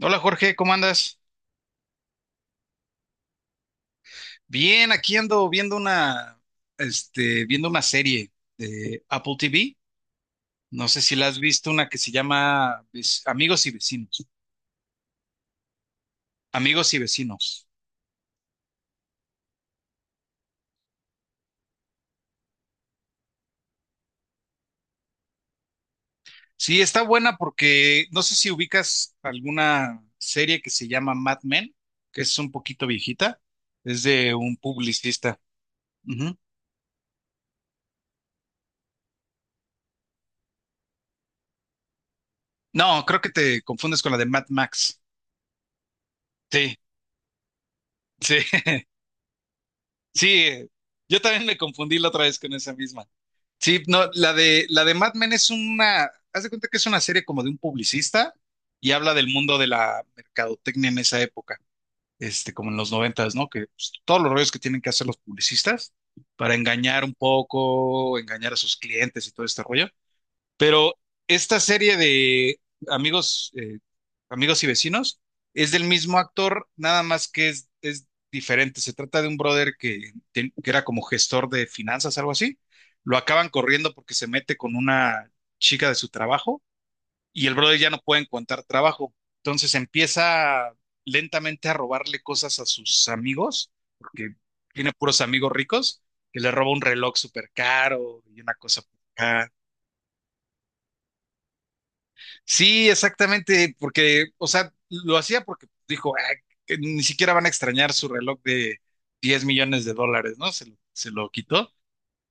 Hola Jorge, ¿cómo andas? Bien, aquí ando viendo viendo una serie de Apple TV. No sé si la has visto, una que se llama Amigos y Vecinos. Amigos y Vecinos. Sí, está buena porque no sé si ubicas alguna serie que se llama Mad Men, que es un poquito viejita. Es de un publicista. Ujú. No, creo que te confundes con la de Mad Max. Sí, sí, sí. Yo también me confundí la otra vez con esa misma. Sí, no, la de Mad Men es una, haz de cuenta que es una serie como de un publicista y habla del mundo de la mercadotecnia en esa época, este, como en los noventas, ¿no? Que pues, todos los rollos que tienen que hacer los publicistas para engañar un poco, engañar a sus clientes y todo este rollo. Pero esta serie de amigos, amigos y vecinos es del mismo actor, nada más que es diferente. Se trata de un brother que era como gestor de finanzas, algo así. Lo acaban corriendo porque se mete con una chica de su trabajo y el brother ya no puede encontrar trabajo. Entonces empieza lentamente a robarle cosas a sus amigos, porque tiene puros amigos ricos, que le roba un reloj súper caro y una cosa por acá. Sí, exactamente, porque, o sea, lo hacía porque dijo, "Ah, que ni siquiera van a extrañar su reloj de 10 millones de dólares, ¿no? Se lo quitó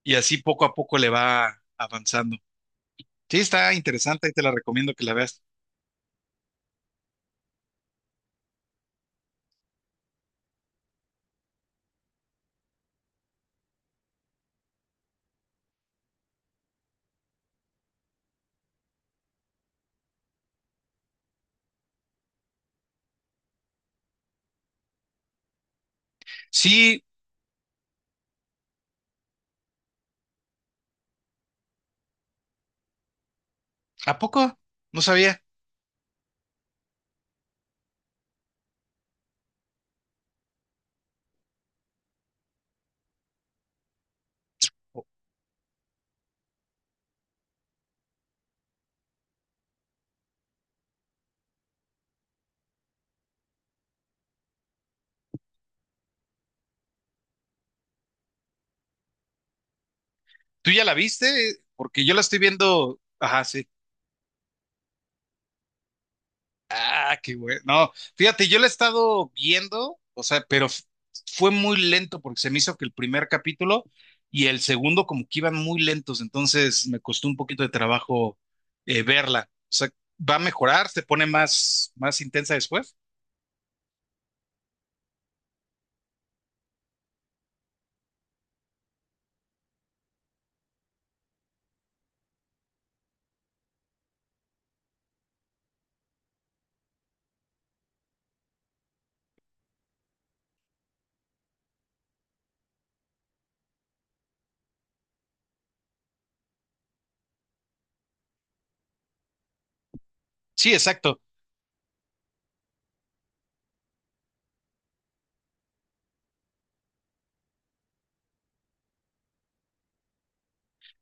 y así poco a poco le va avanzando. Sí, está interesante y te la recomiendo que la veas. Sí, ¿a poco? No sabía. ¿Tú ya la viste? Porque yo la estoy viendo, ajá, sí. Ah, qué bueno. No, fíjate, yo la he estado viendo, o sea, fue muy lento porque se me hizo que el primer capítulo y el segundo como que iban muy lentos, entonces me costó un poquito de trabajo verla. O sea, ¿va a mejorar? ¿Se pone más, más intensa después? Sí, exacto.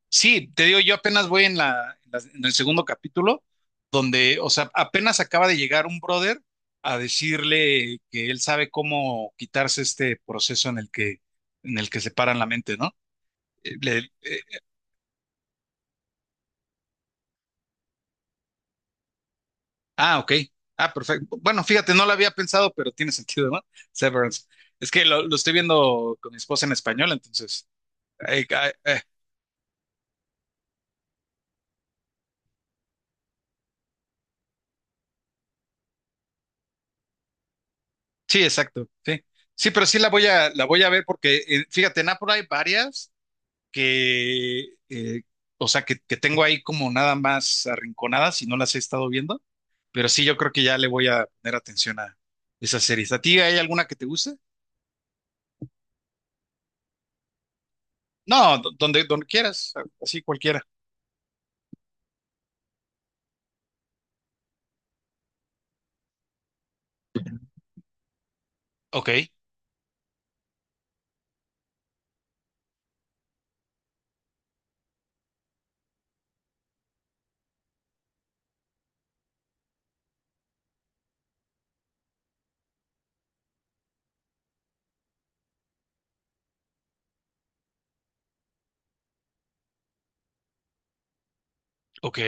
Sí, te digo, yo apenas voy en la, en las- en el segundo capítulo, donde, o sea, apenas acaba de llegar un brother a decirle que él sabe cómo quitarse este proceso en el que separan la mente, ¿no? Eh, le- eh, ah, ok. Ah, perfecto. Bueno, fíjate, no lo había pensado, pero tiene sentido, ¿no? Severance. Es que lo estoy viendo con mi esposa en español, entonces. eh, eh, eh, sí, exacto. Sí. Sí, pero sí la voy a ver porque, fíjate, en Apple hay varias. Que, eh, o sea, que tengo ahí como nada más arrinconadas y no las he estado viendo, pero sí, yo creo que ya le voy a poner atención a esas series. ¿A ti hay alguna que te guste? No, donde quieras, así cualquiera. Ok, ok.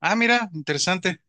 Ah, mira, interesante.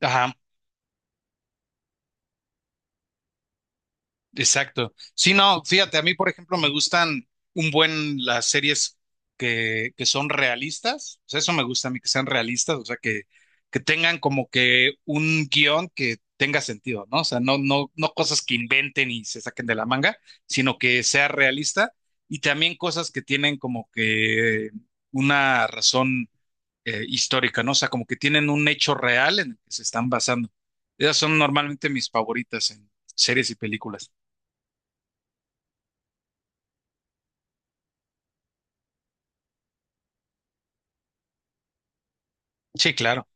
Ajá. Exacto. Sí, no, fíjate, a mí, por ejemplo, me gustan un buen las series que son realistas. O sea, eso me gusta a mí, que sean realistas, o sea, que tengan como que un guión que tenga sentido, ¿no? O sea, no cosas que inventen y se saquen de la manga, sino que sea realista y también cosas que tienen como que una razón histórica, ¿no? O sea, como que tienen un hecho real en el que se están basando. Esas son normalmente mis favoritas en series y películas. Sí, claro,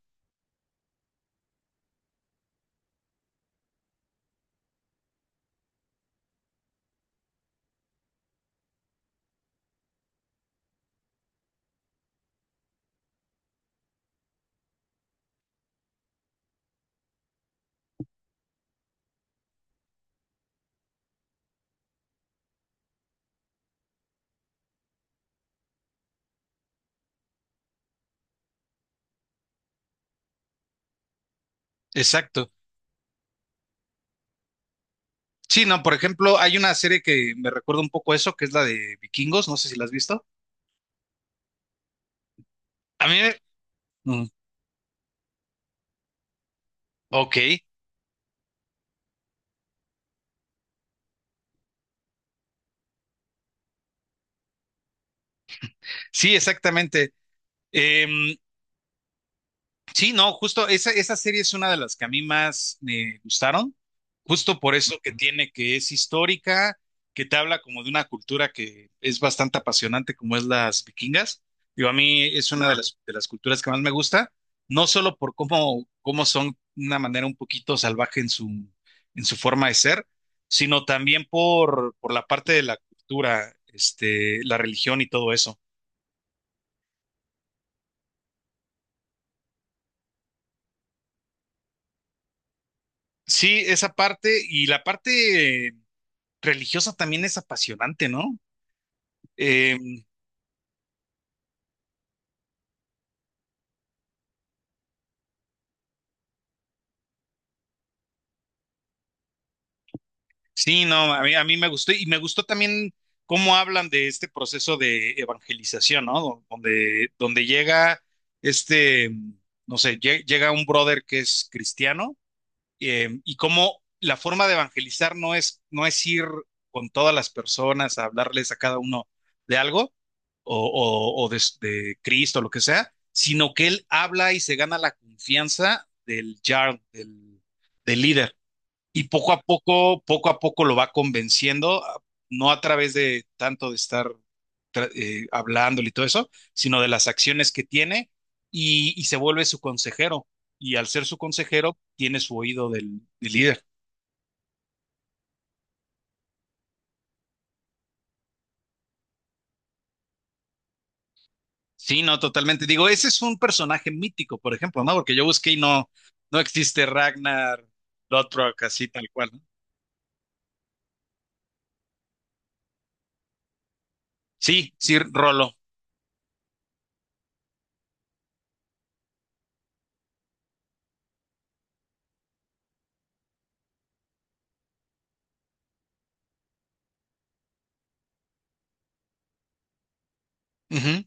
exacto. Sí, no, por ejemplo, hay una serie que me recuerda un poco eso, que es la de Vikingos, no sé si la has visto. A mí, me- mm, ok, sí, exactamente. Em, Sí, no, justo esa serie es una de las que a mí más me gustaron, justo por eso que tiene, que es histórica, que te habla como de una cultura que es bastante apasionante, como es las vikingas. Digo, a mí es una de las culturas que más me gusta, no solo por cómo son de una manera un poquito salvaje en su forma de ser, sino también por la parte de la cultura, este, la religión y todo eso. Sí, esa parte y la parte religiosa también es apasionante, ¿no? Eh, sí, no, a mí me gustó y me gustó también cómo hablan de este proceso de evangelización, ¿no? Donde llega este, no sé, llega un brother que es cristiano y cómo la forma de evangelizar no es ir con todas las personas a hablarles a cada uno de algo o, o de Cristo, lo que sea, sino que él habla y se gana la confianza del, del líder y poco a poco lo va convenciendo, no a través de tanto de estar hablándole y todo eso, sino de las acciones que tiene y se vuelve su consejero. Y al ser su consejero, tiene su oído del líder. Sí, no, totalmente. Digo, ese es un personaje mítico, por ejemplo, ¿no? Porque yo busqué y no, no existe Ragnar Lothbrok así tal cual, ¿no? Sí, sí, Rolo. Ujú.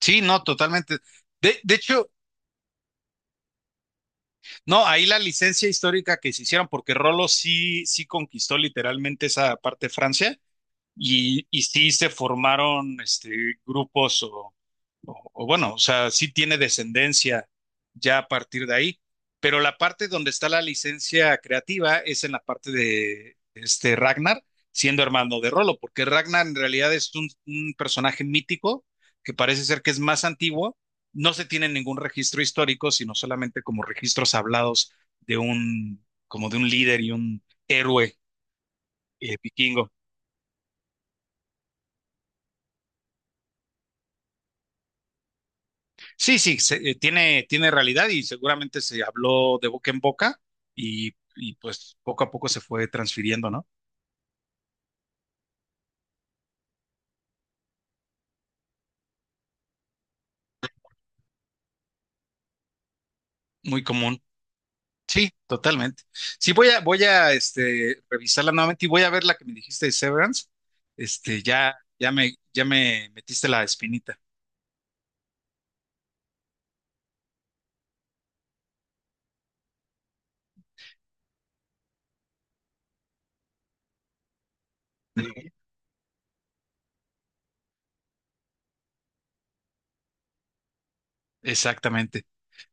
Sí, no, totalmente. De hecho, no, ahí la licencia histórica que se hicieron, porque Rolo sí, sí conquistó literalmente esa parte de Francia y sí se formaron este, grupos o bueno, o sea, sí tiene descendencia ya a partir de ahí, pero la parte donde está la licencia creativa es en la parte de este Ragnar, siendo hermano de Rolo, porque Ragnar en realidad es un personaje mítico que parece ser que es más antiguo, no se tiene ningún registro histórico, sino solamente como registros hablados de un, como de un líder y un héroe vikingo. Sí, sí, tiene, tiene realidad y seguramente se habló de boca en boca y, pues poco a poco se fue transfiriendo, ¿no? Muy común. Sí, totalmente. Sí, voy a este, revisarla nuevamente y voy a ver la que me dijiste de Severance. Este, ya me metiste la espinita. Exactamente.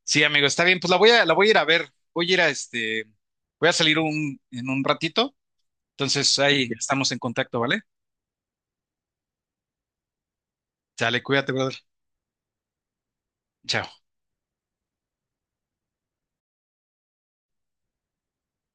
Sí, amigo, está bien. Pues la voy a ir a ver. Voy a ir a este, voy a salir en un ratito. Entonces ahí estamos en contacto, ¿vale? Sale, cuídate, brother. Chao.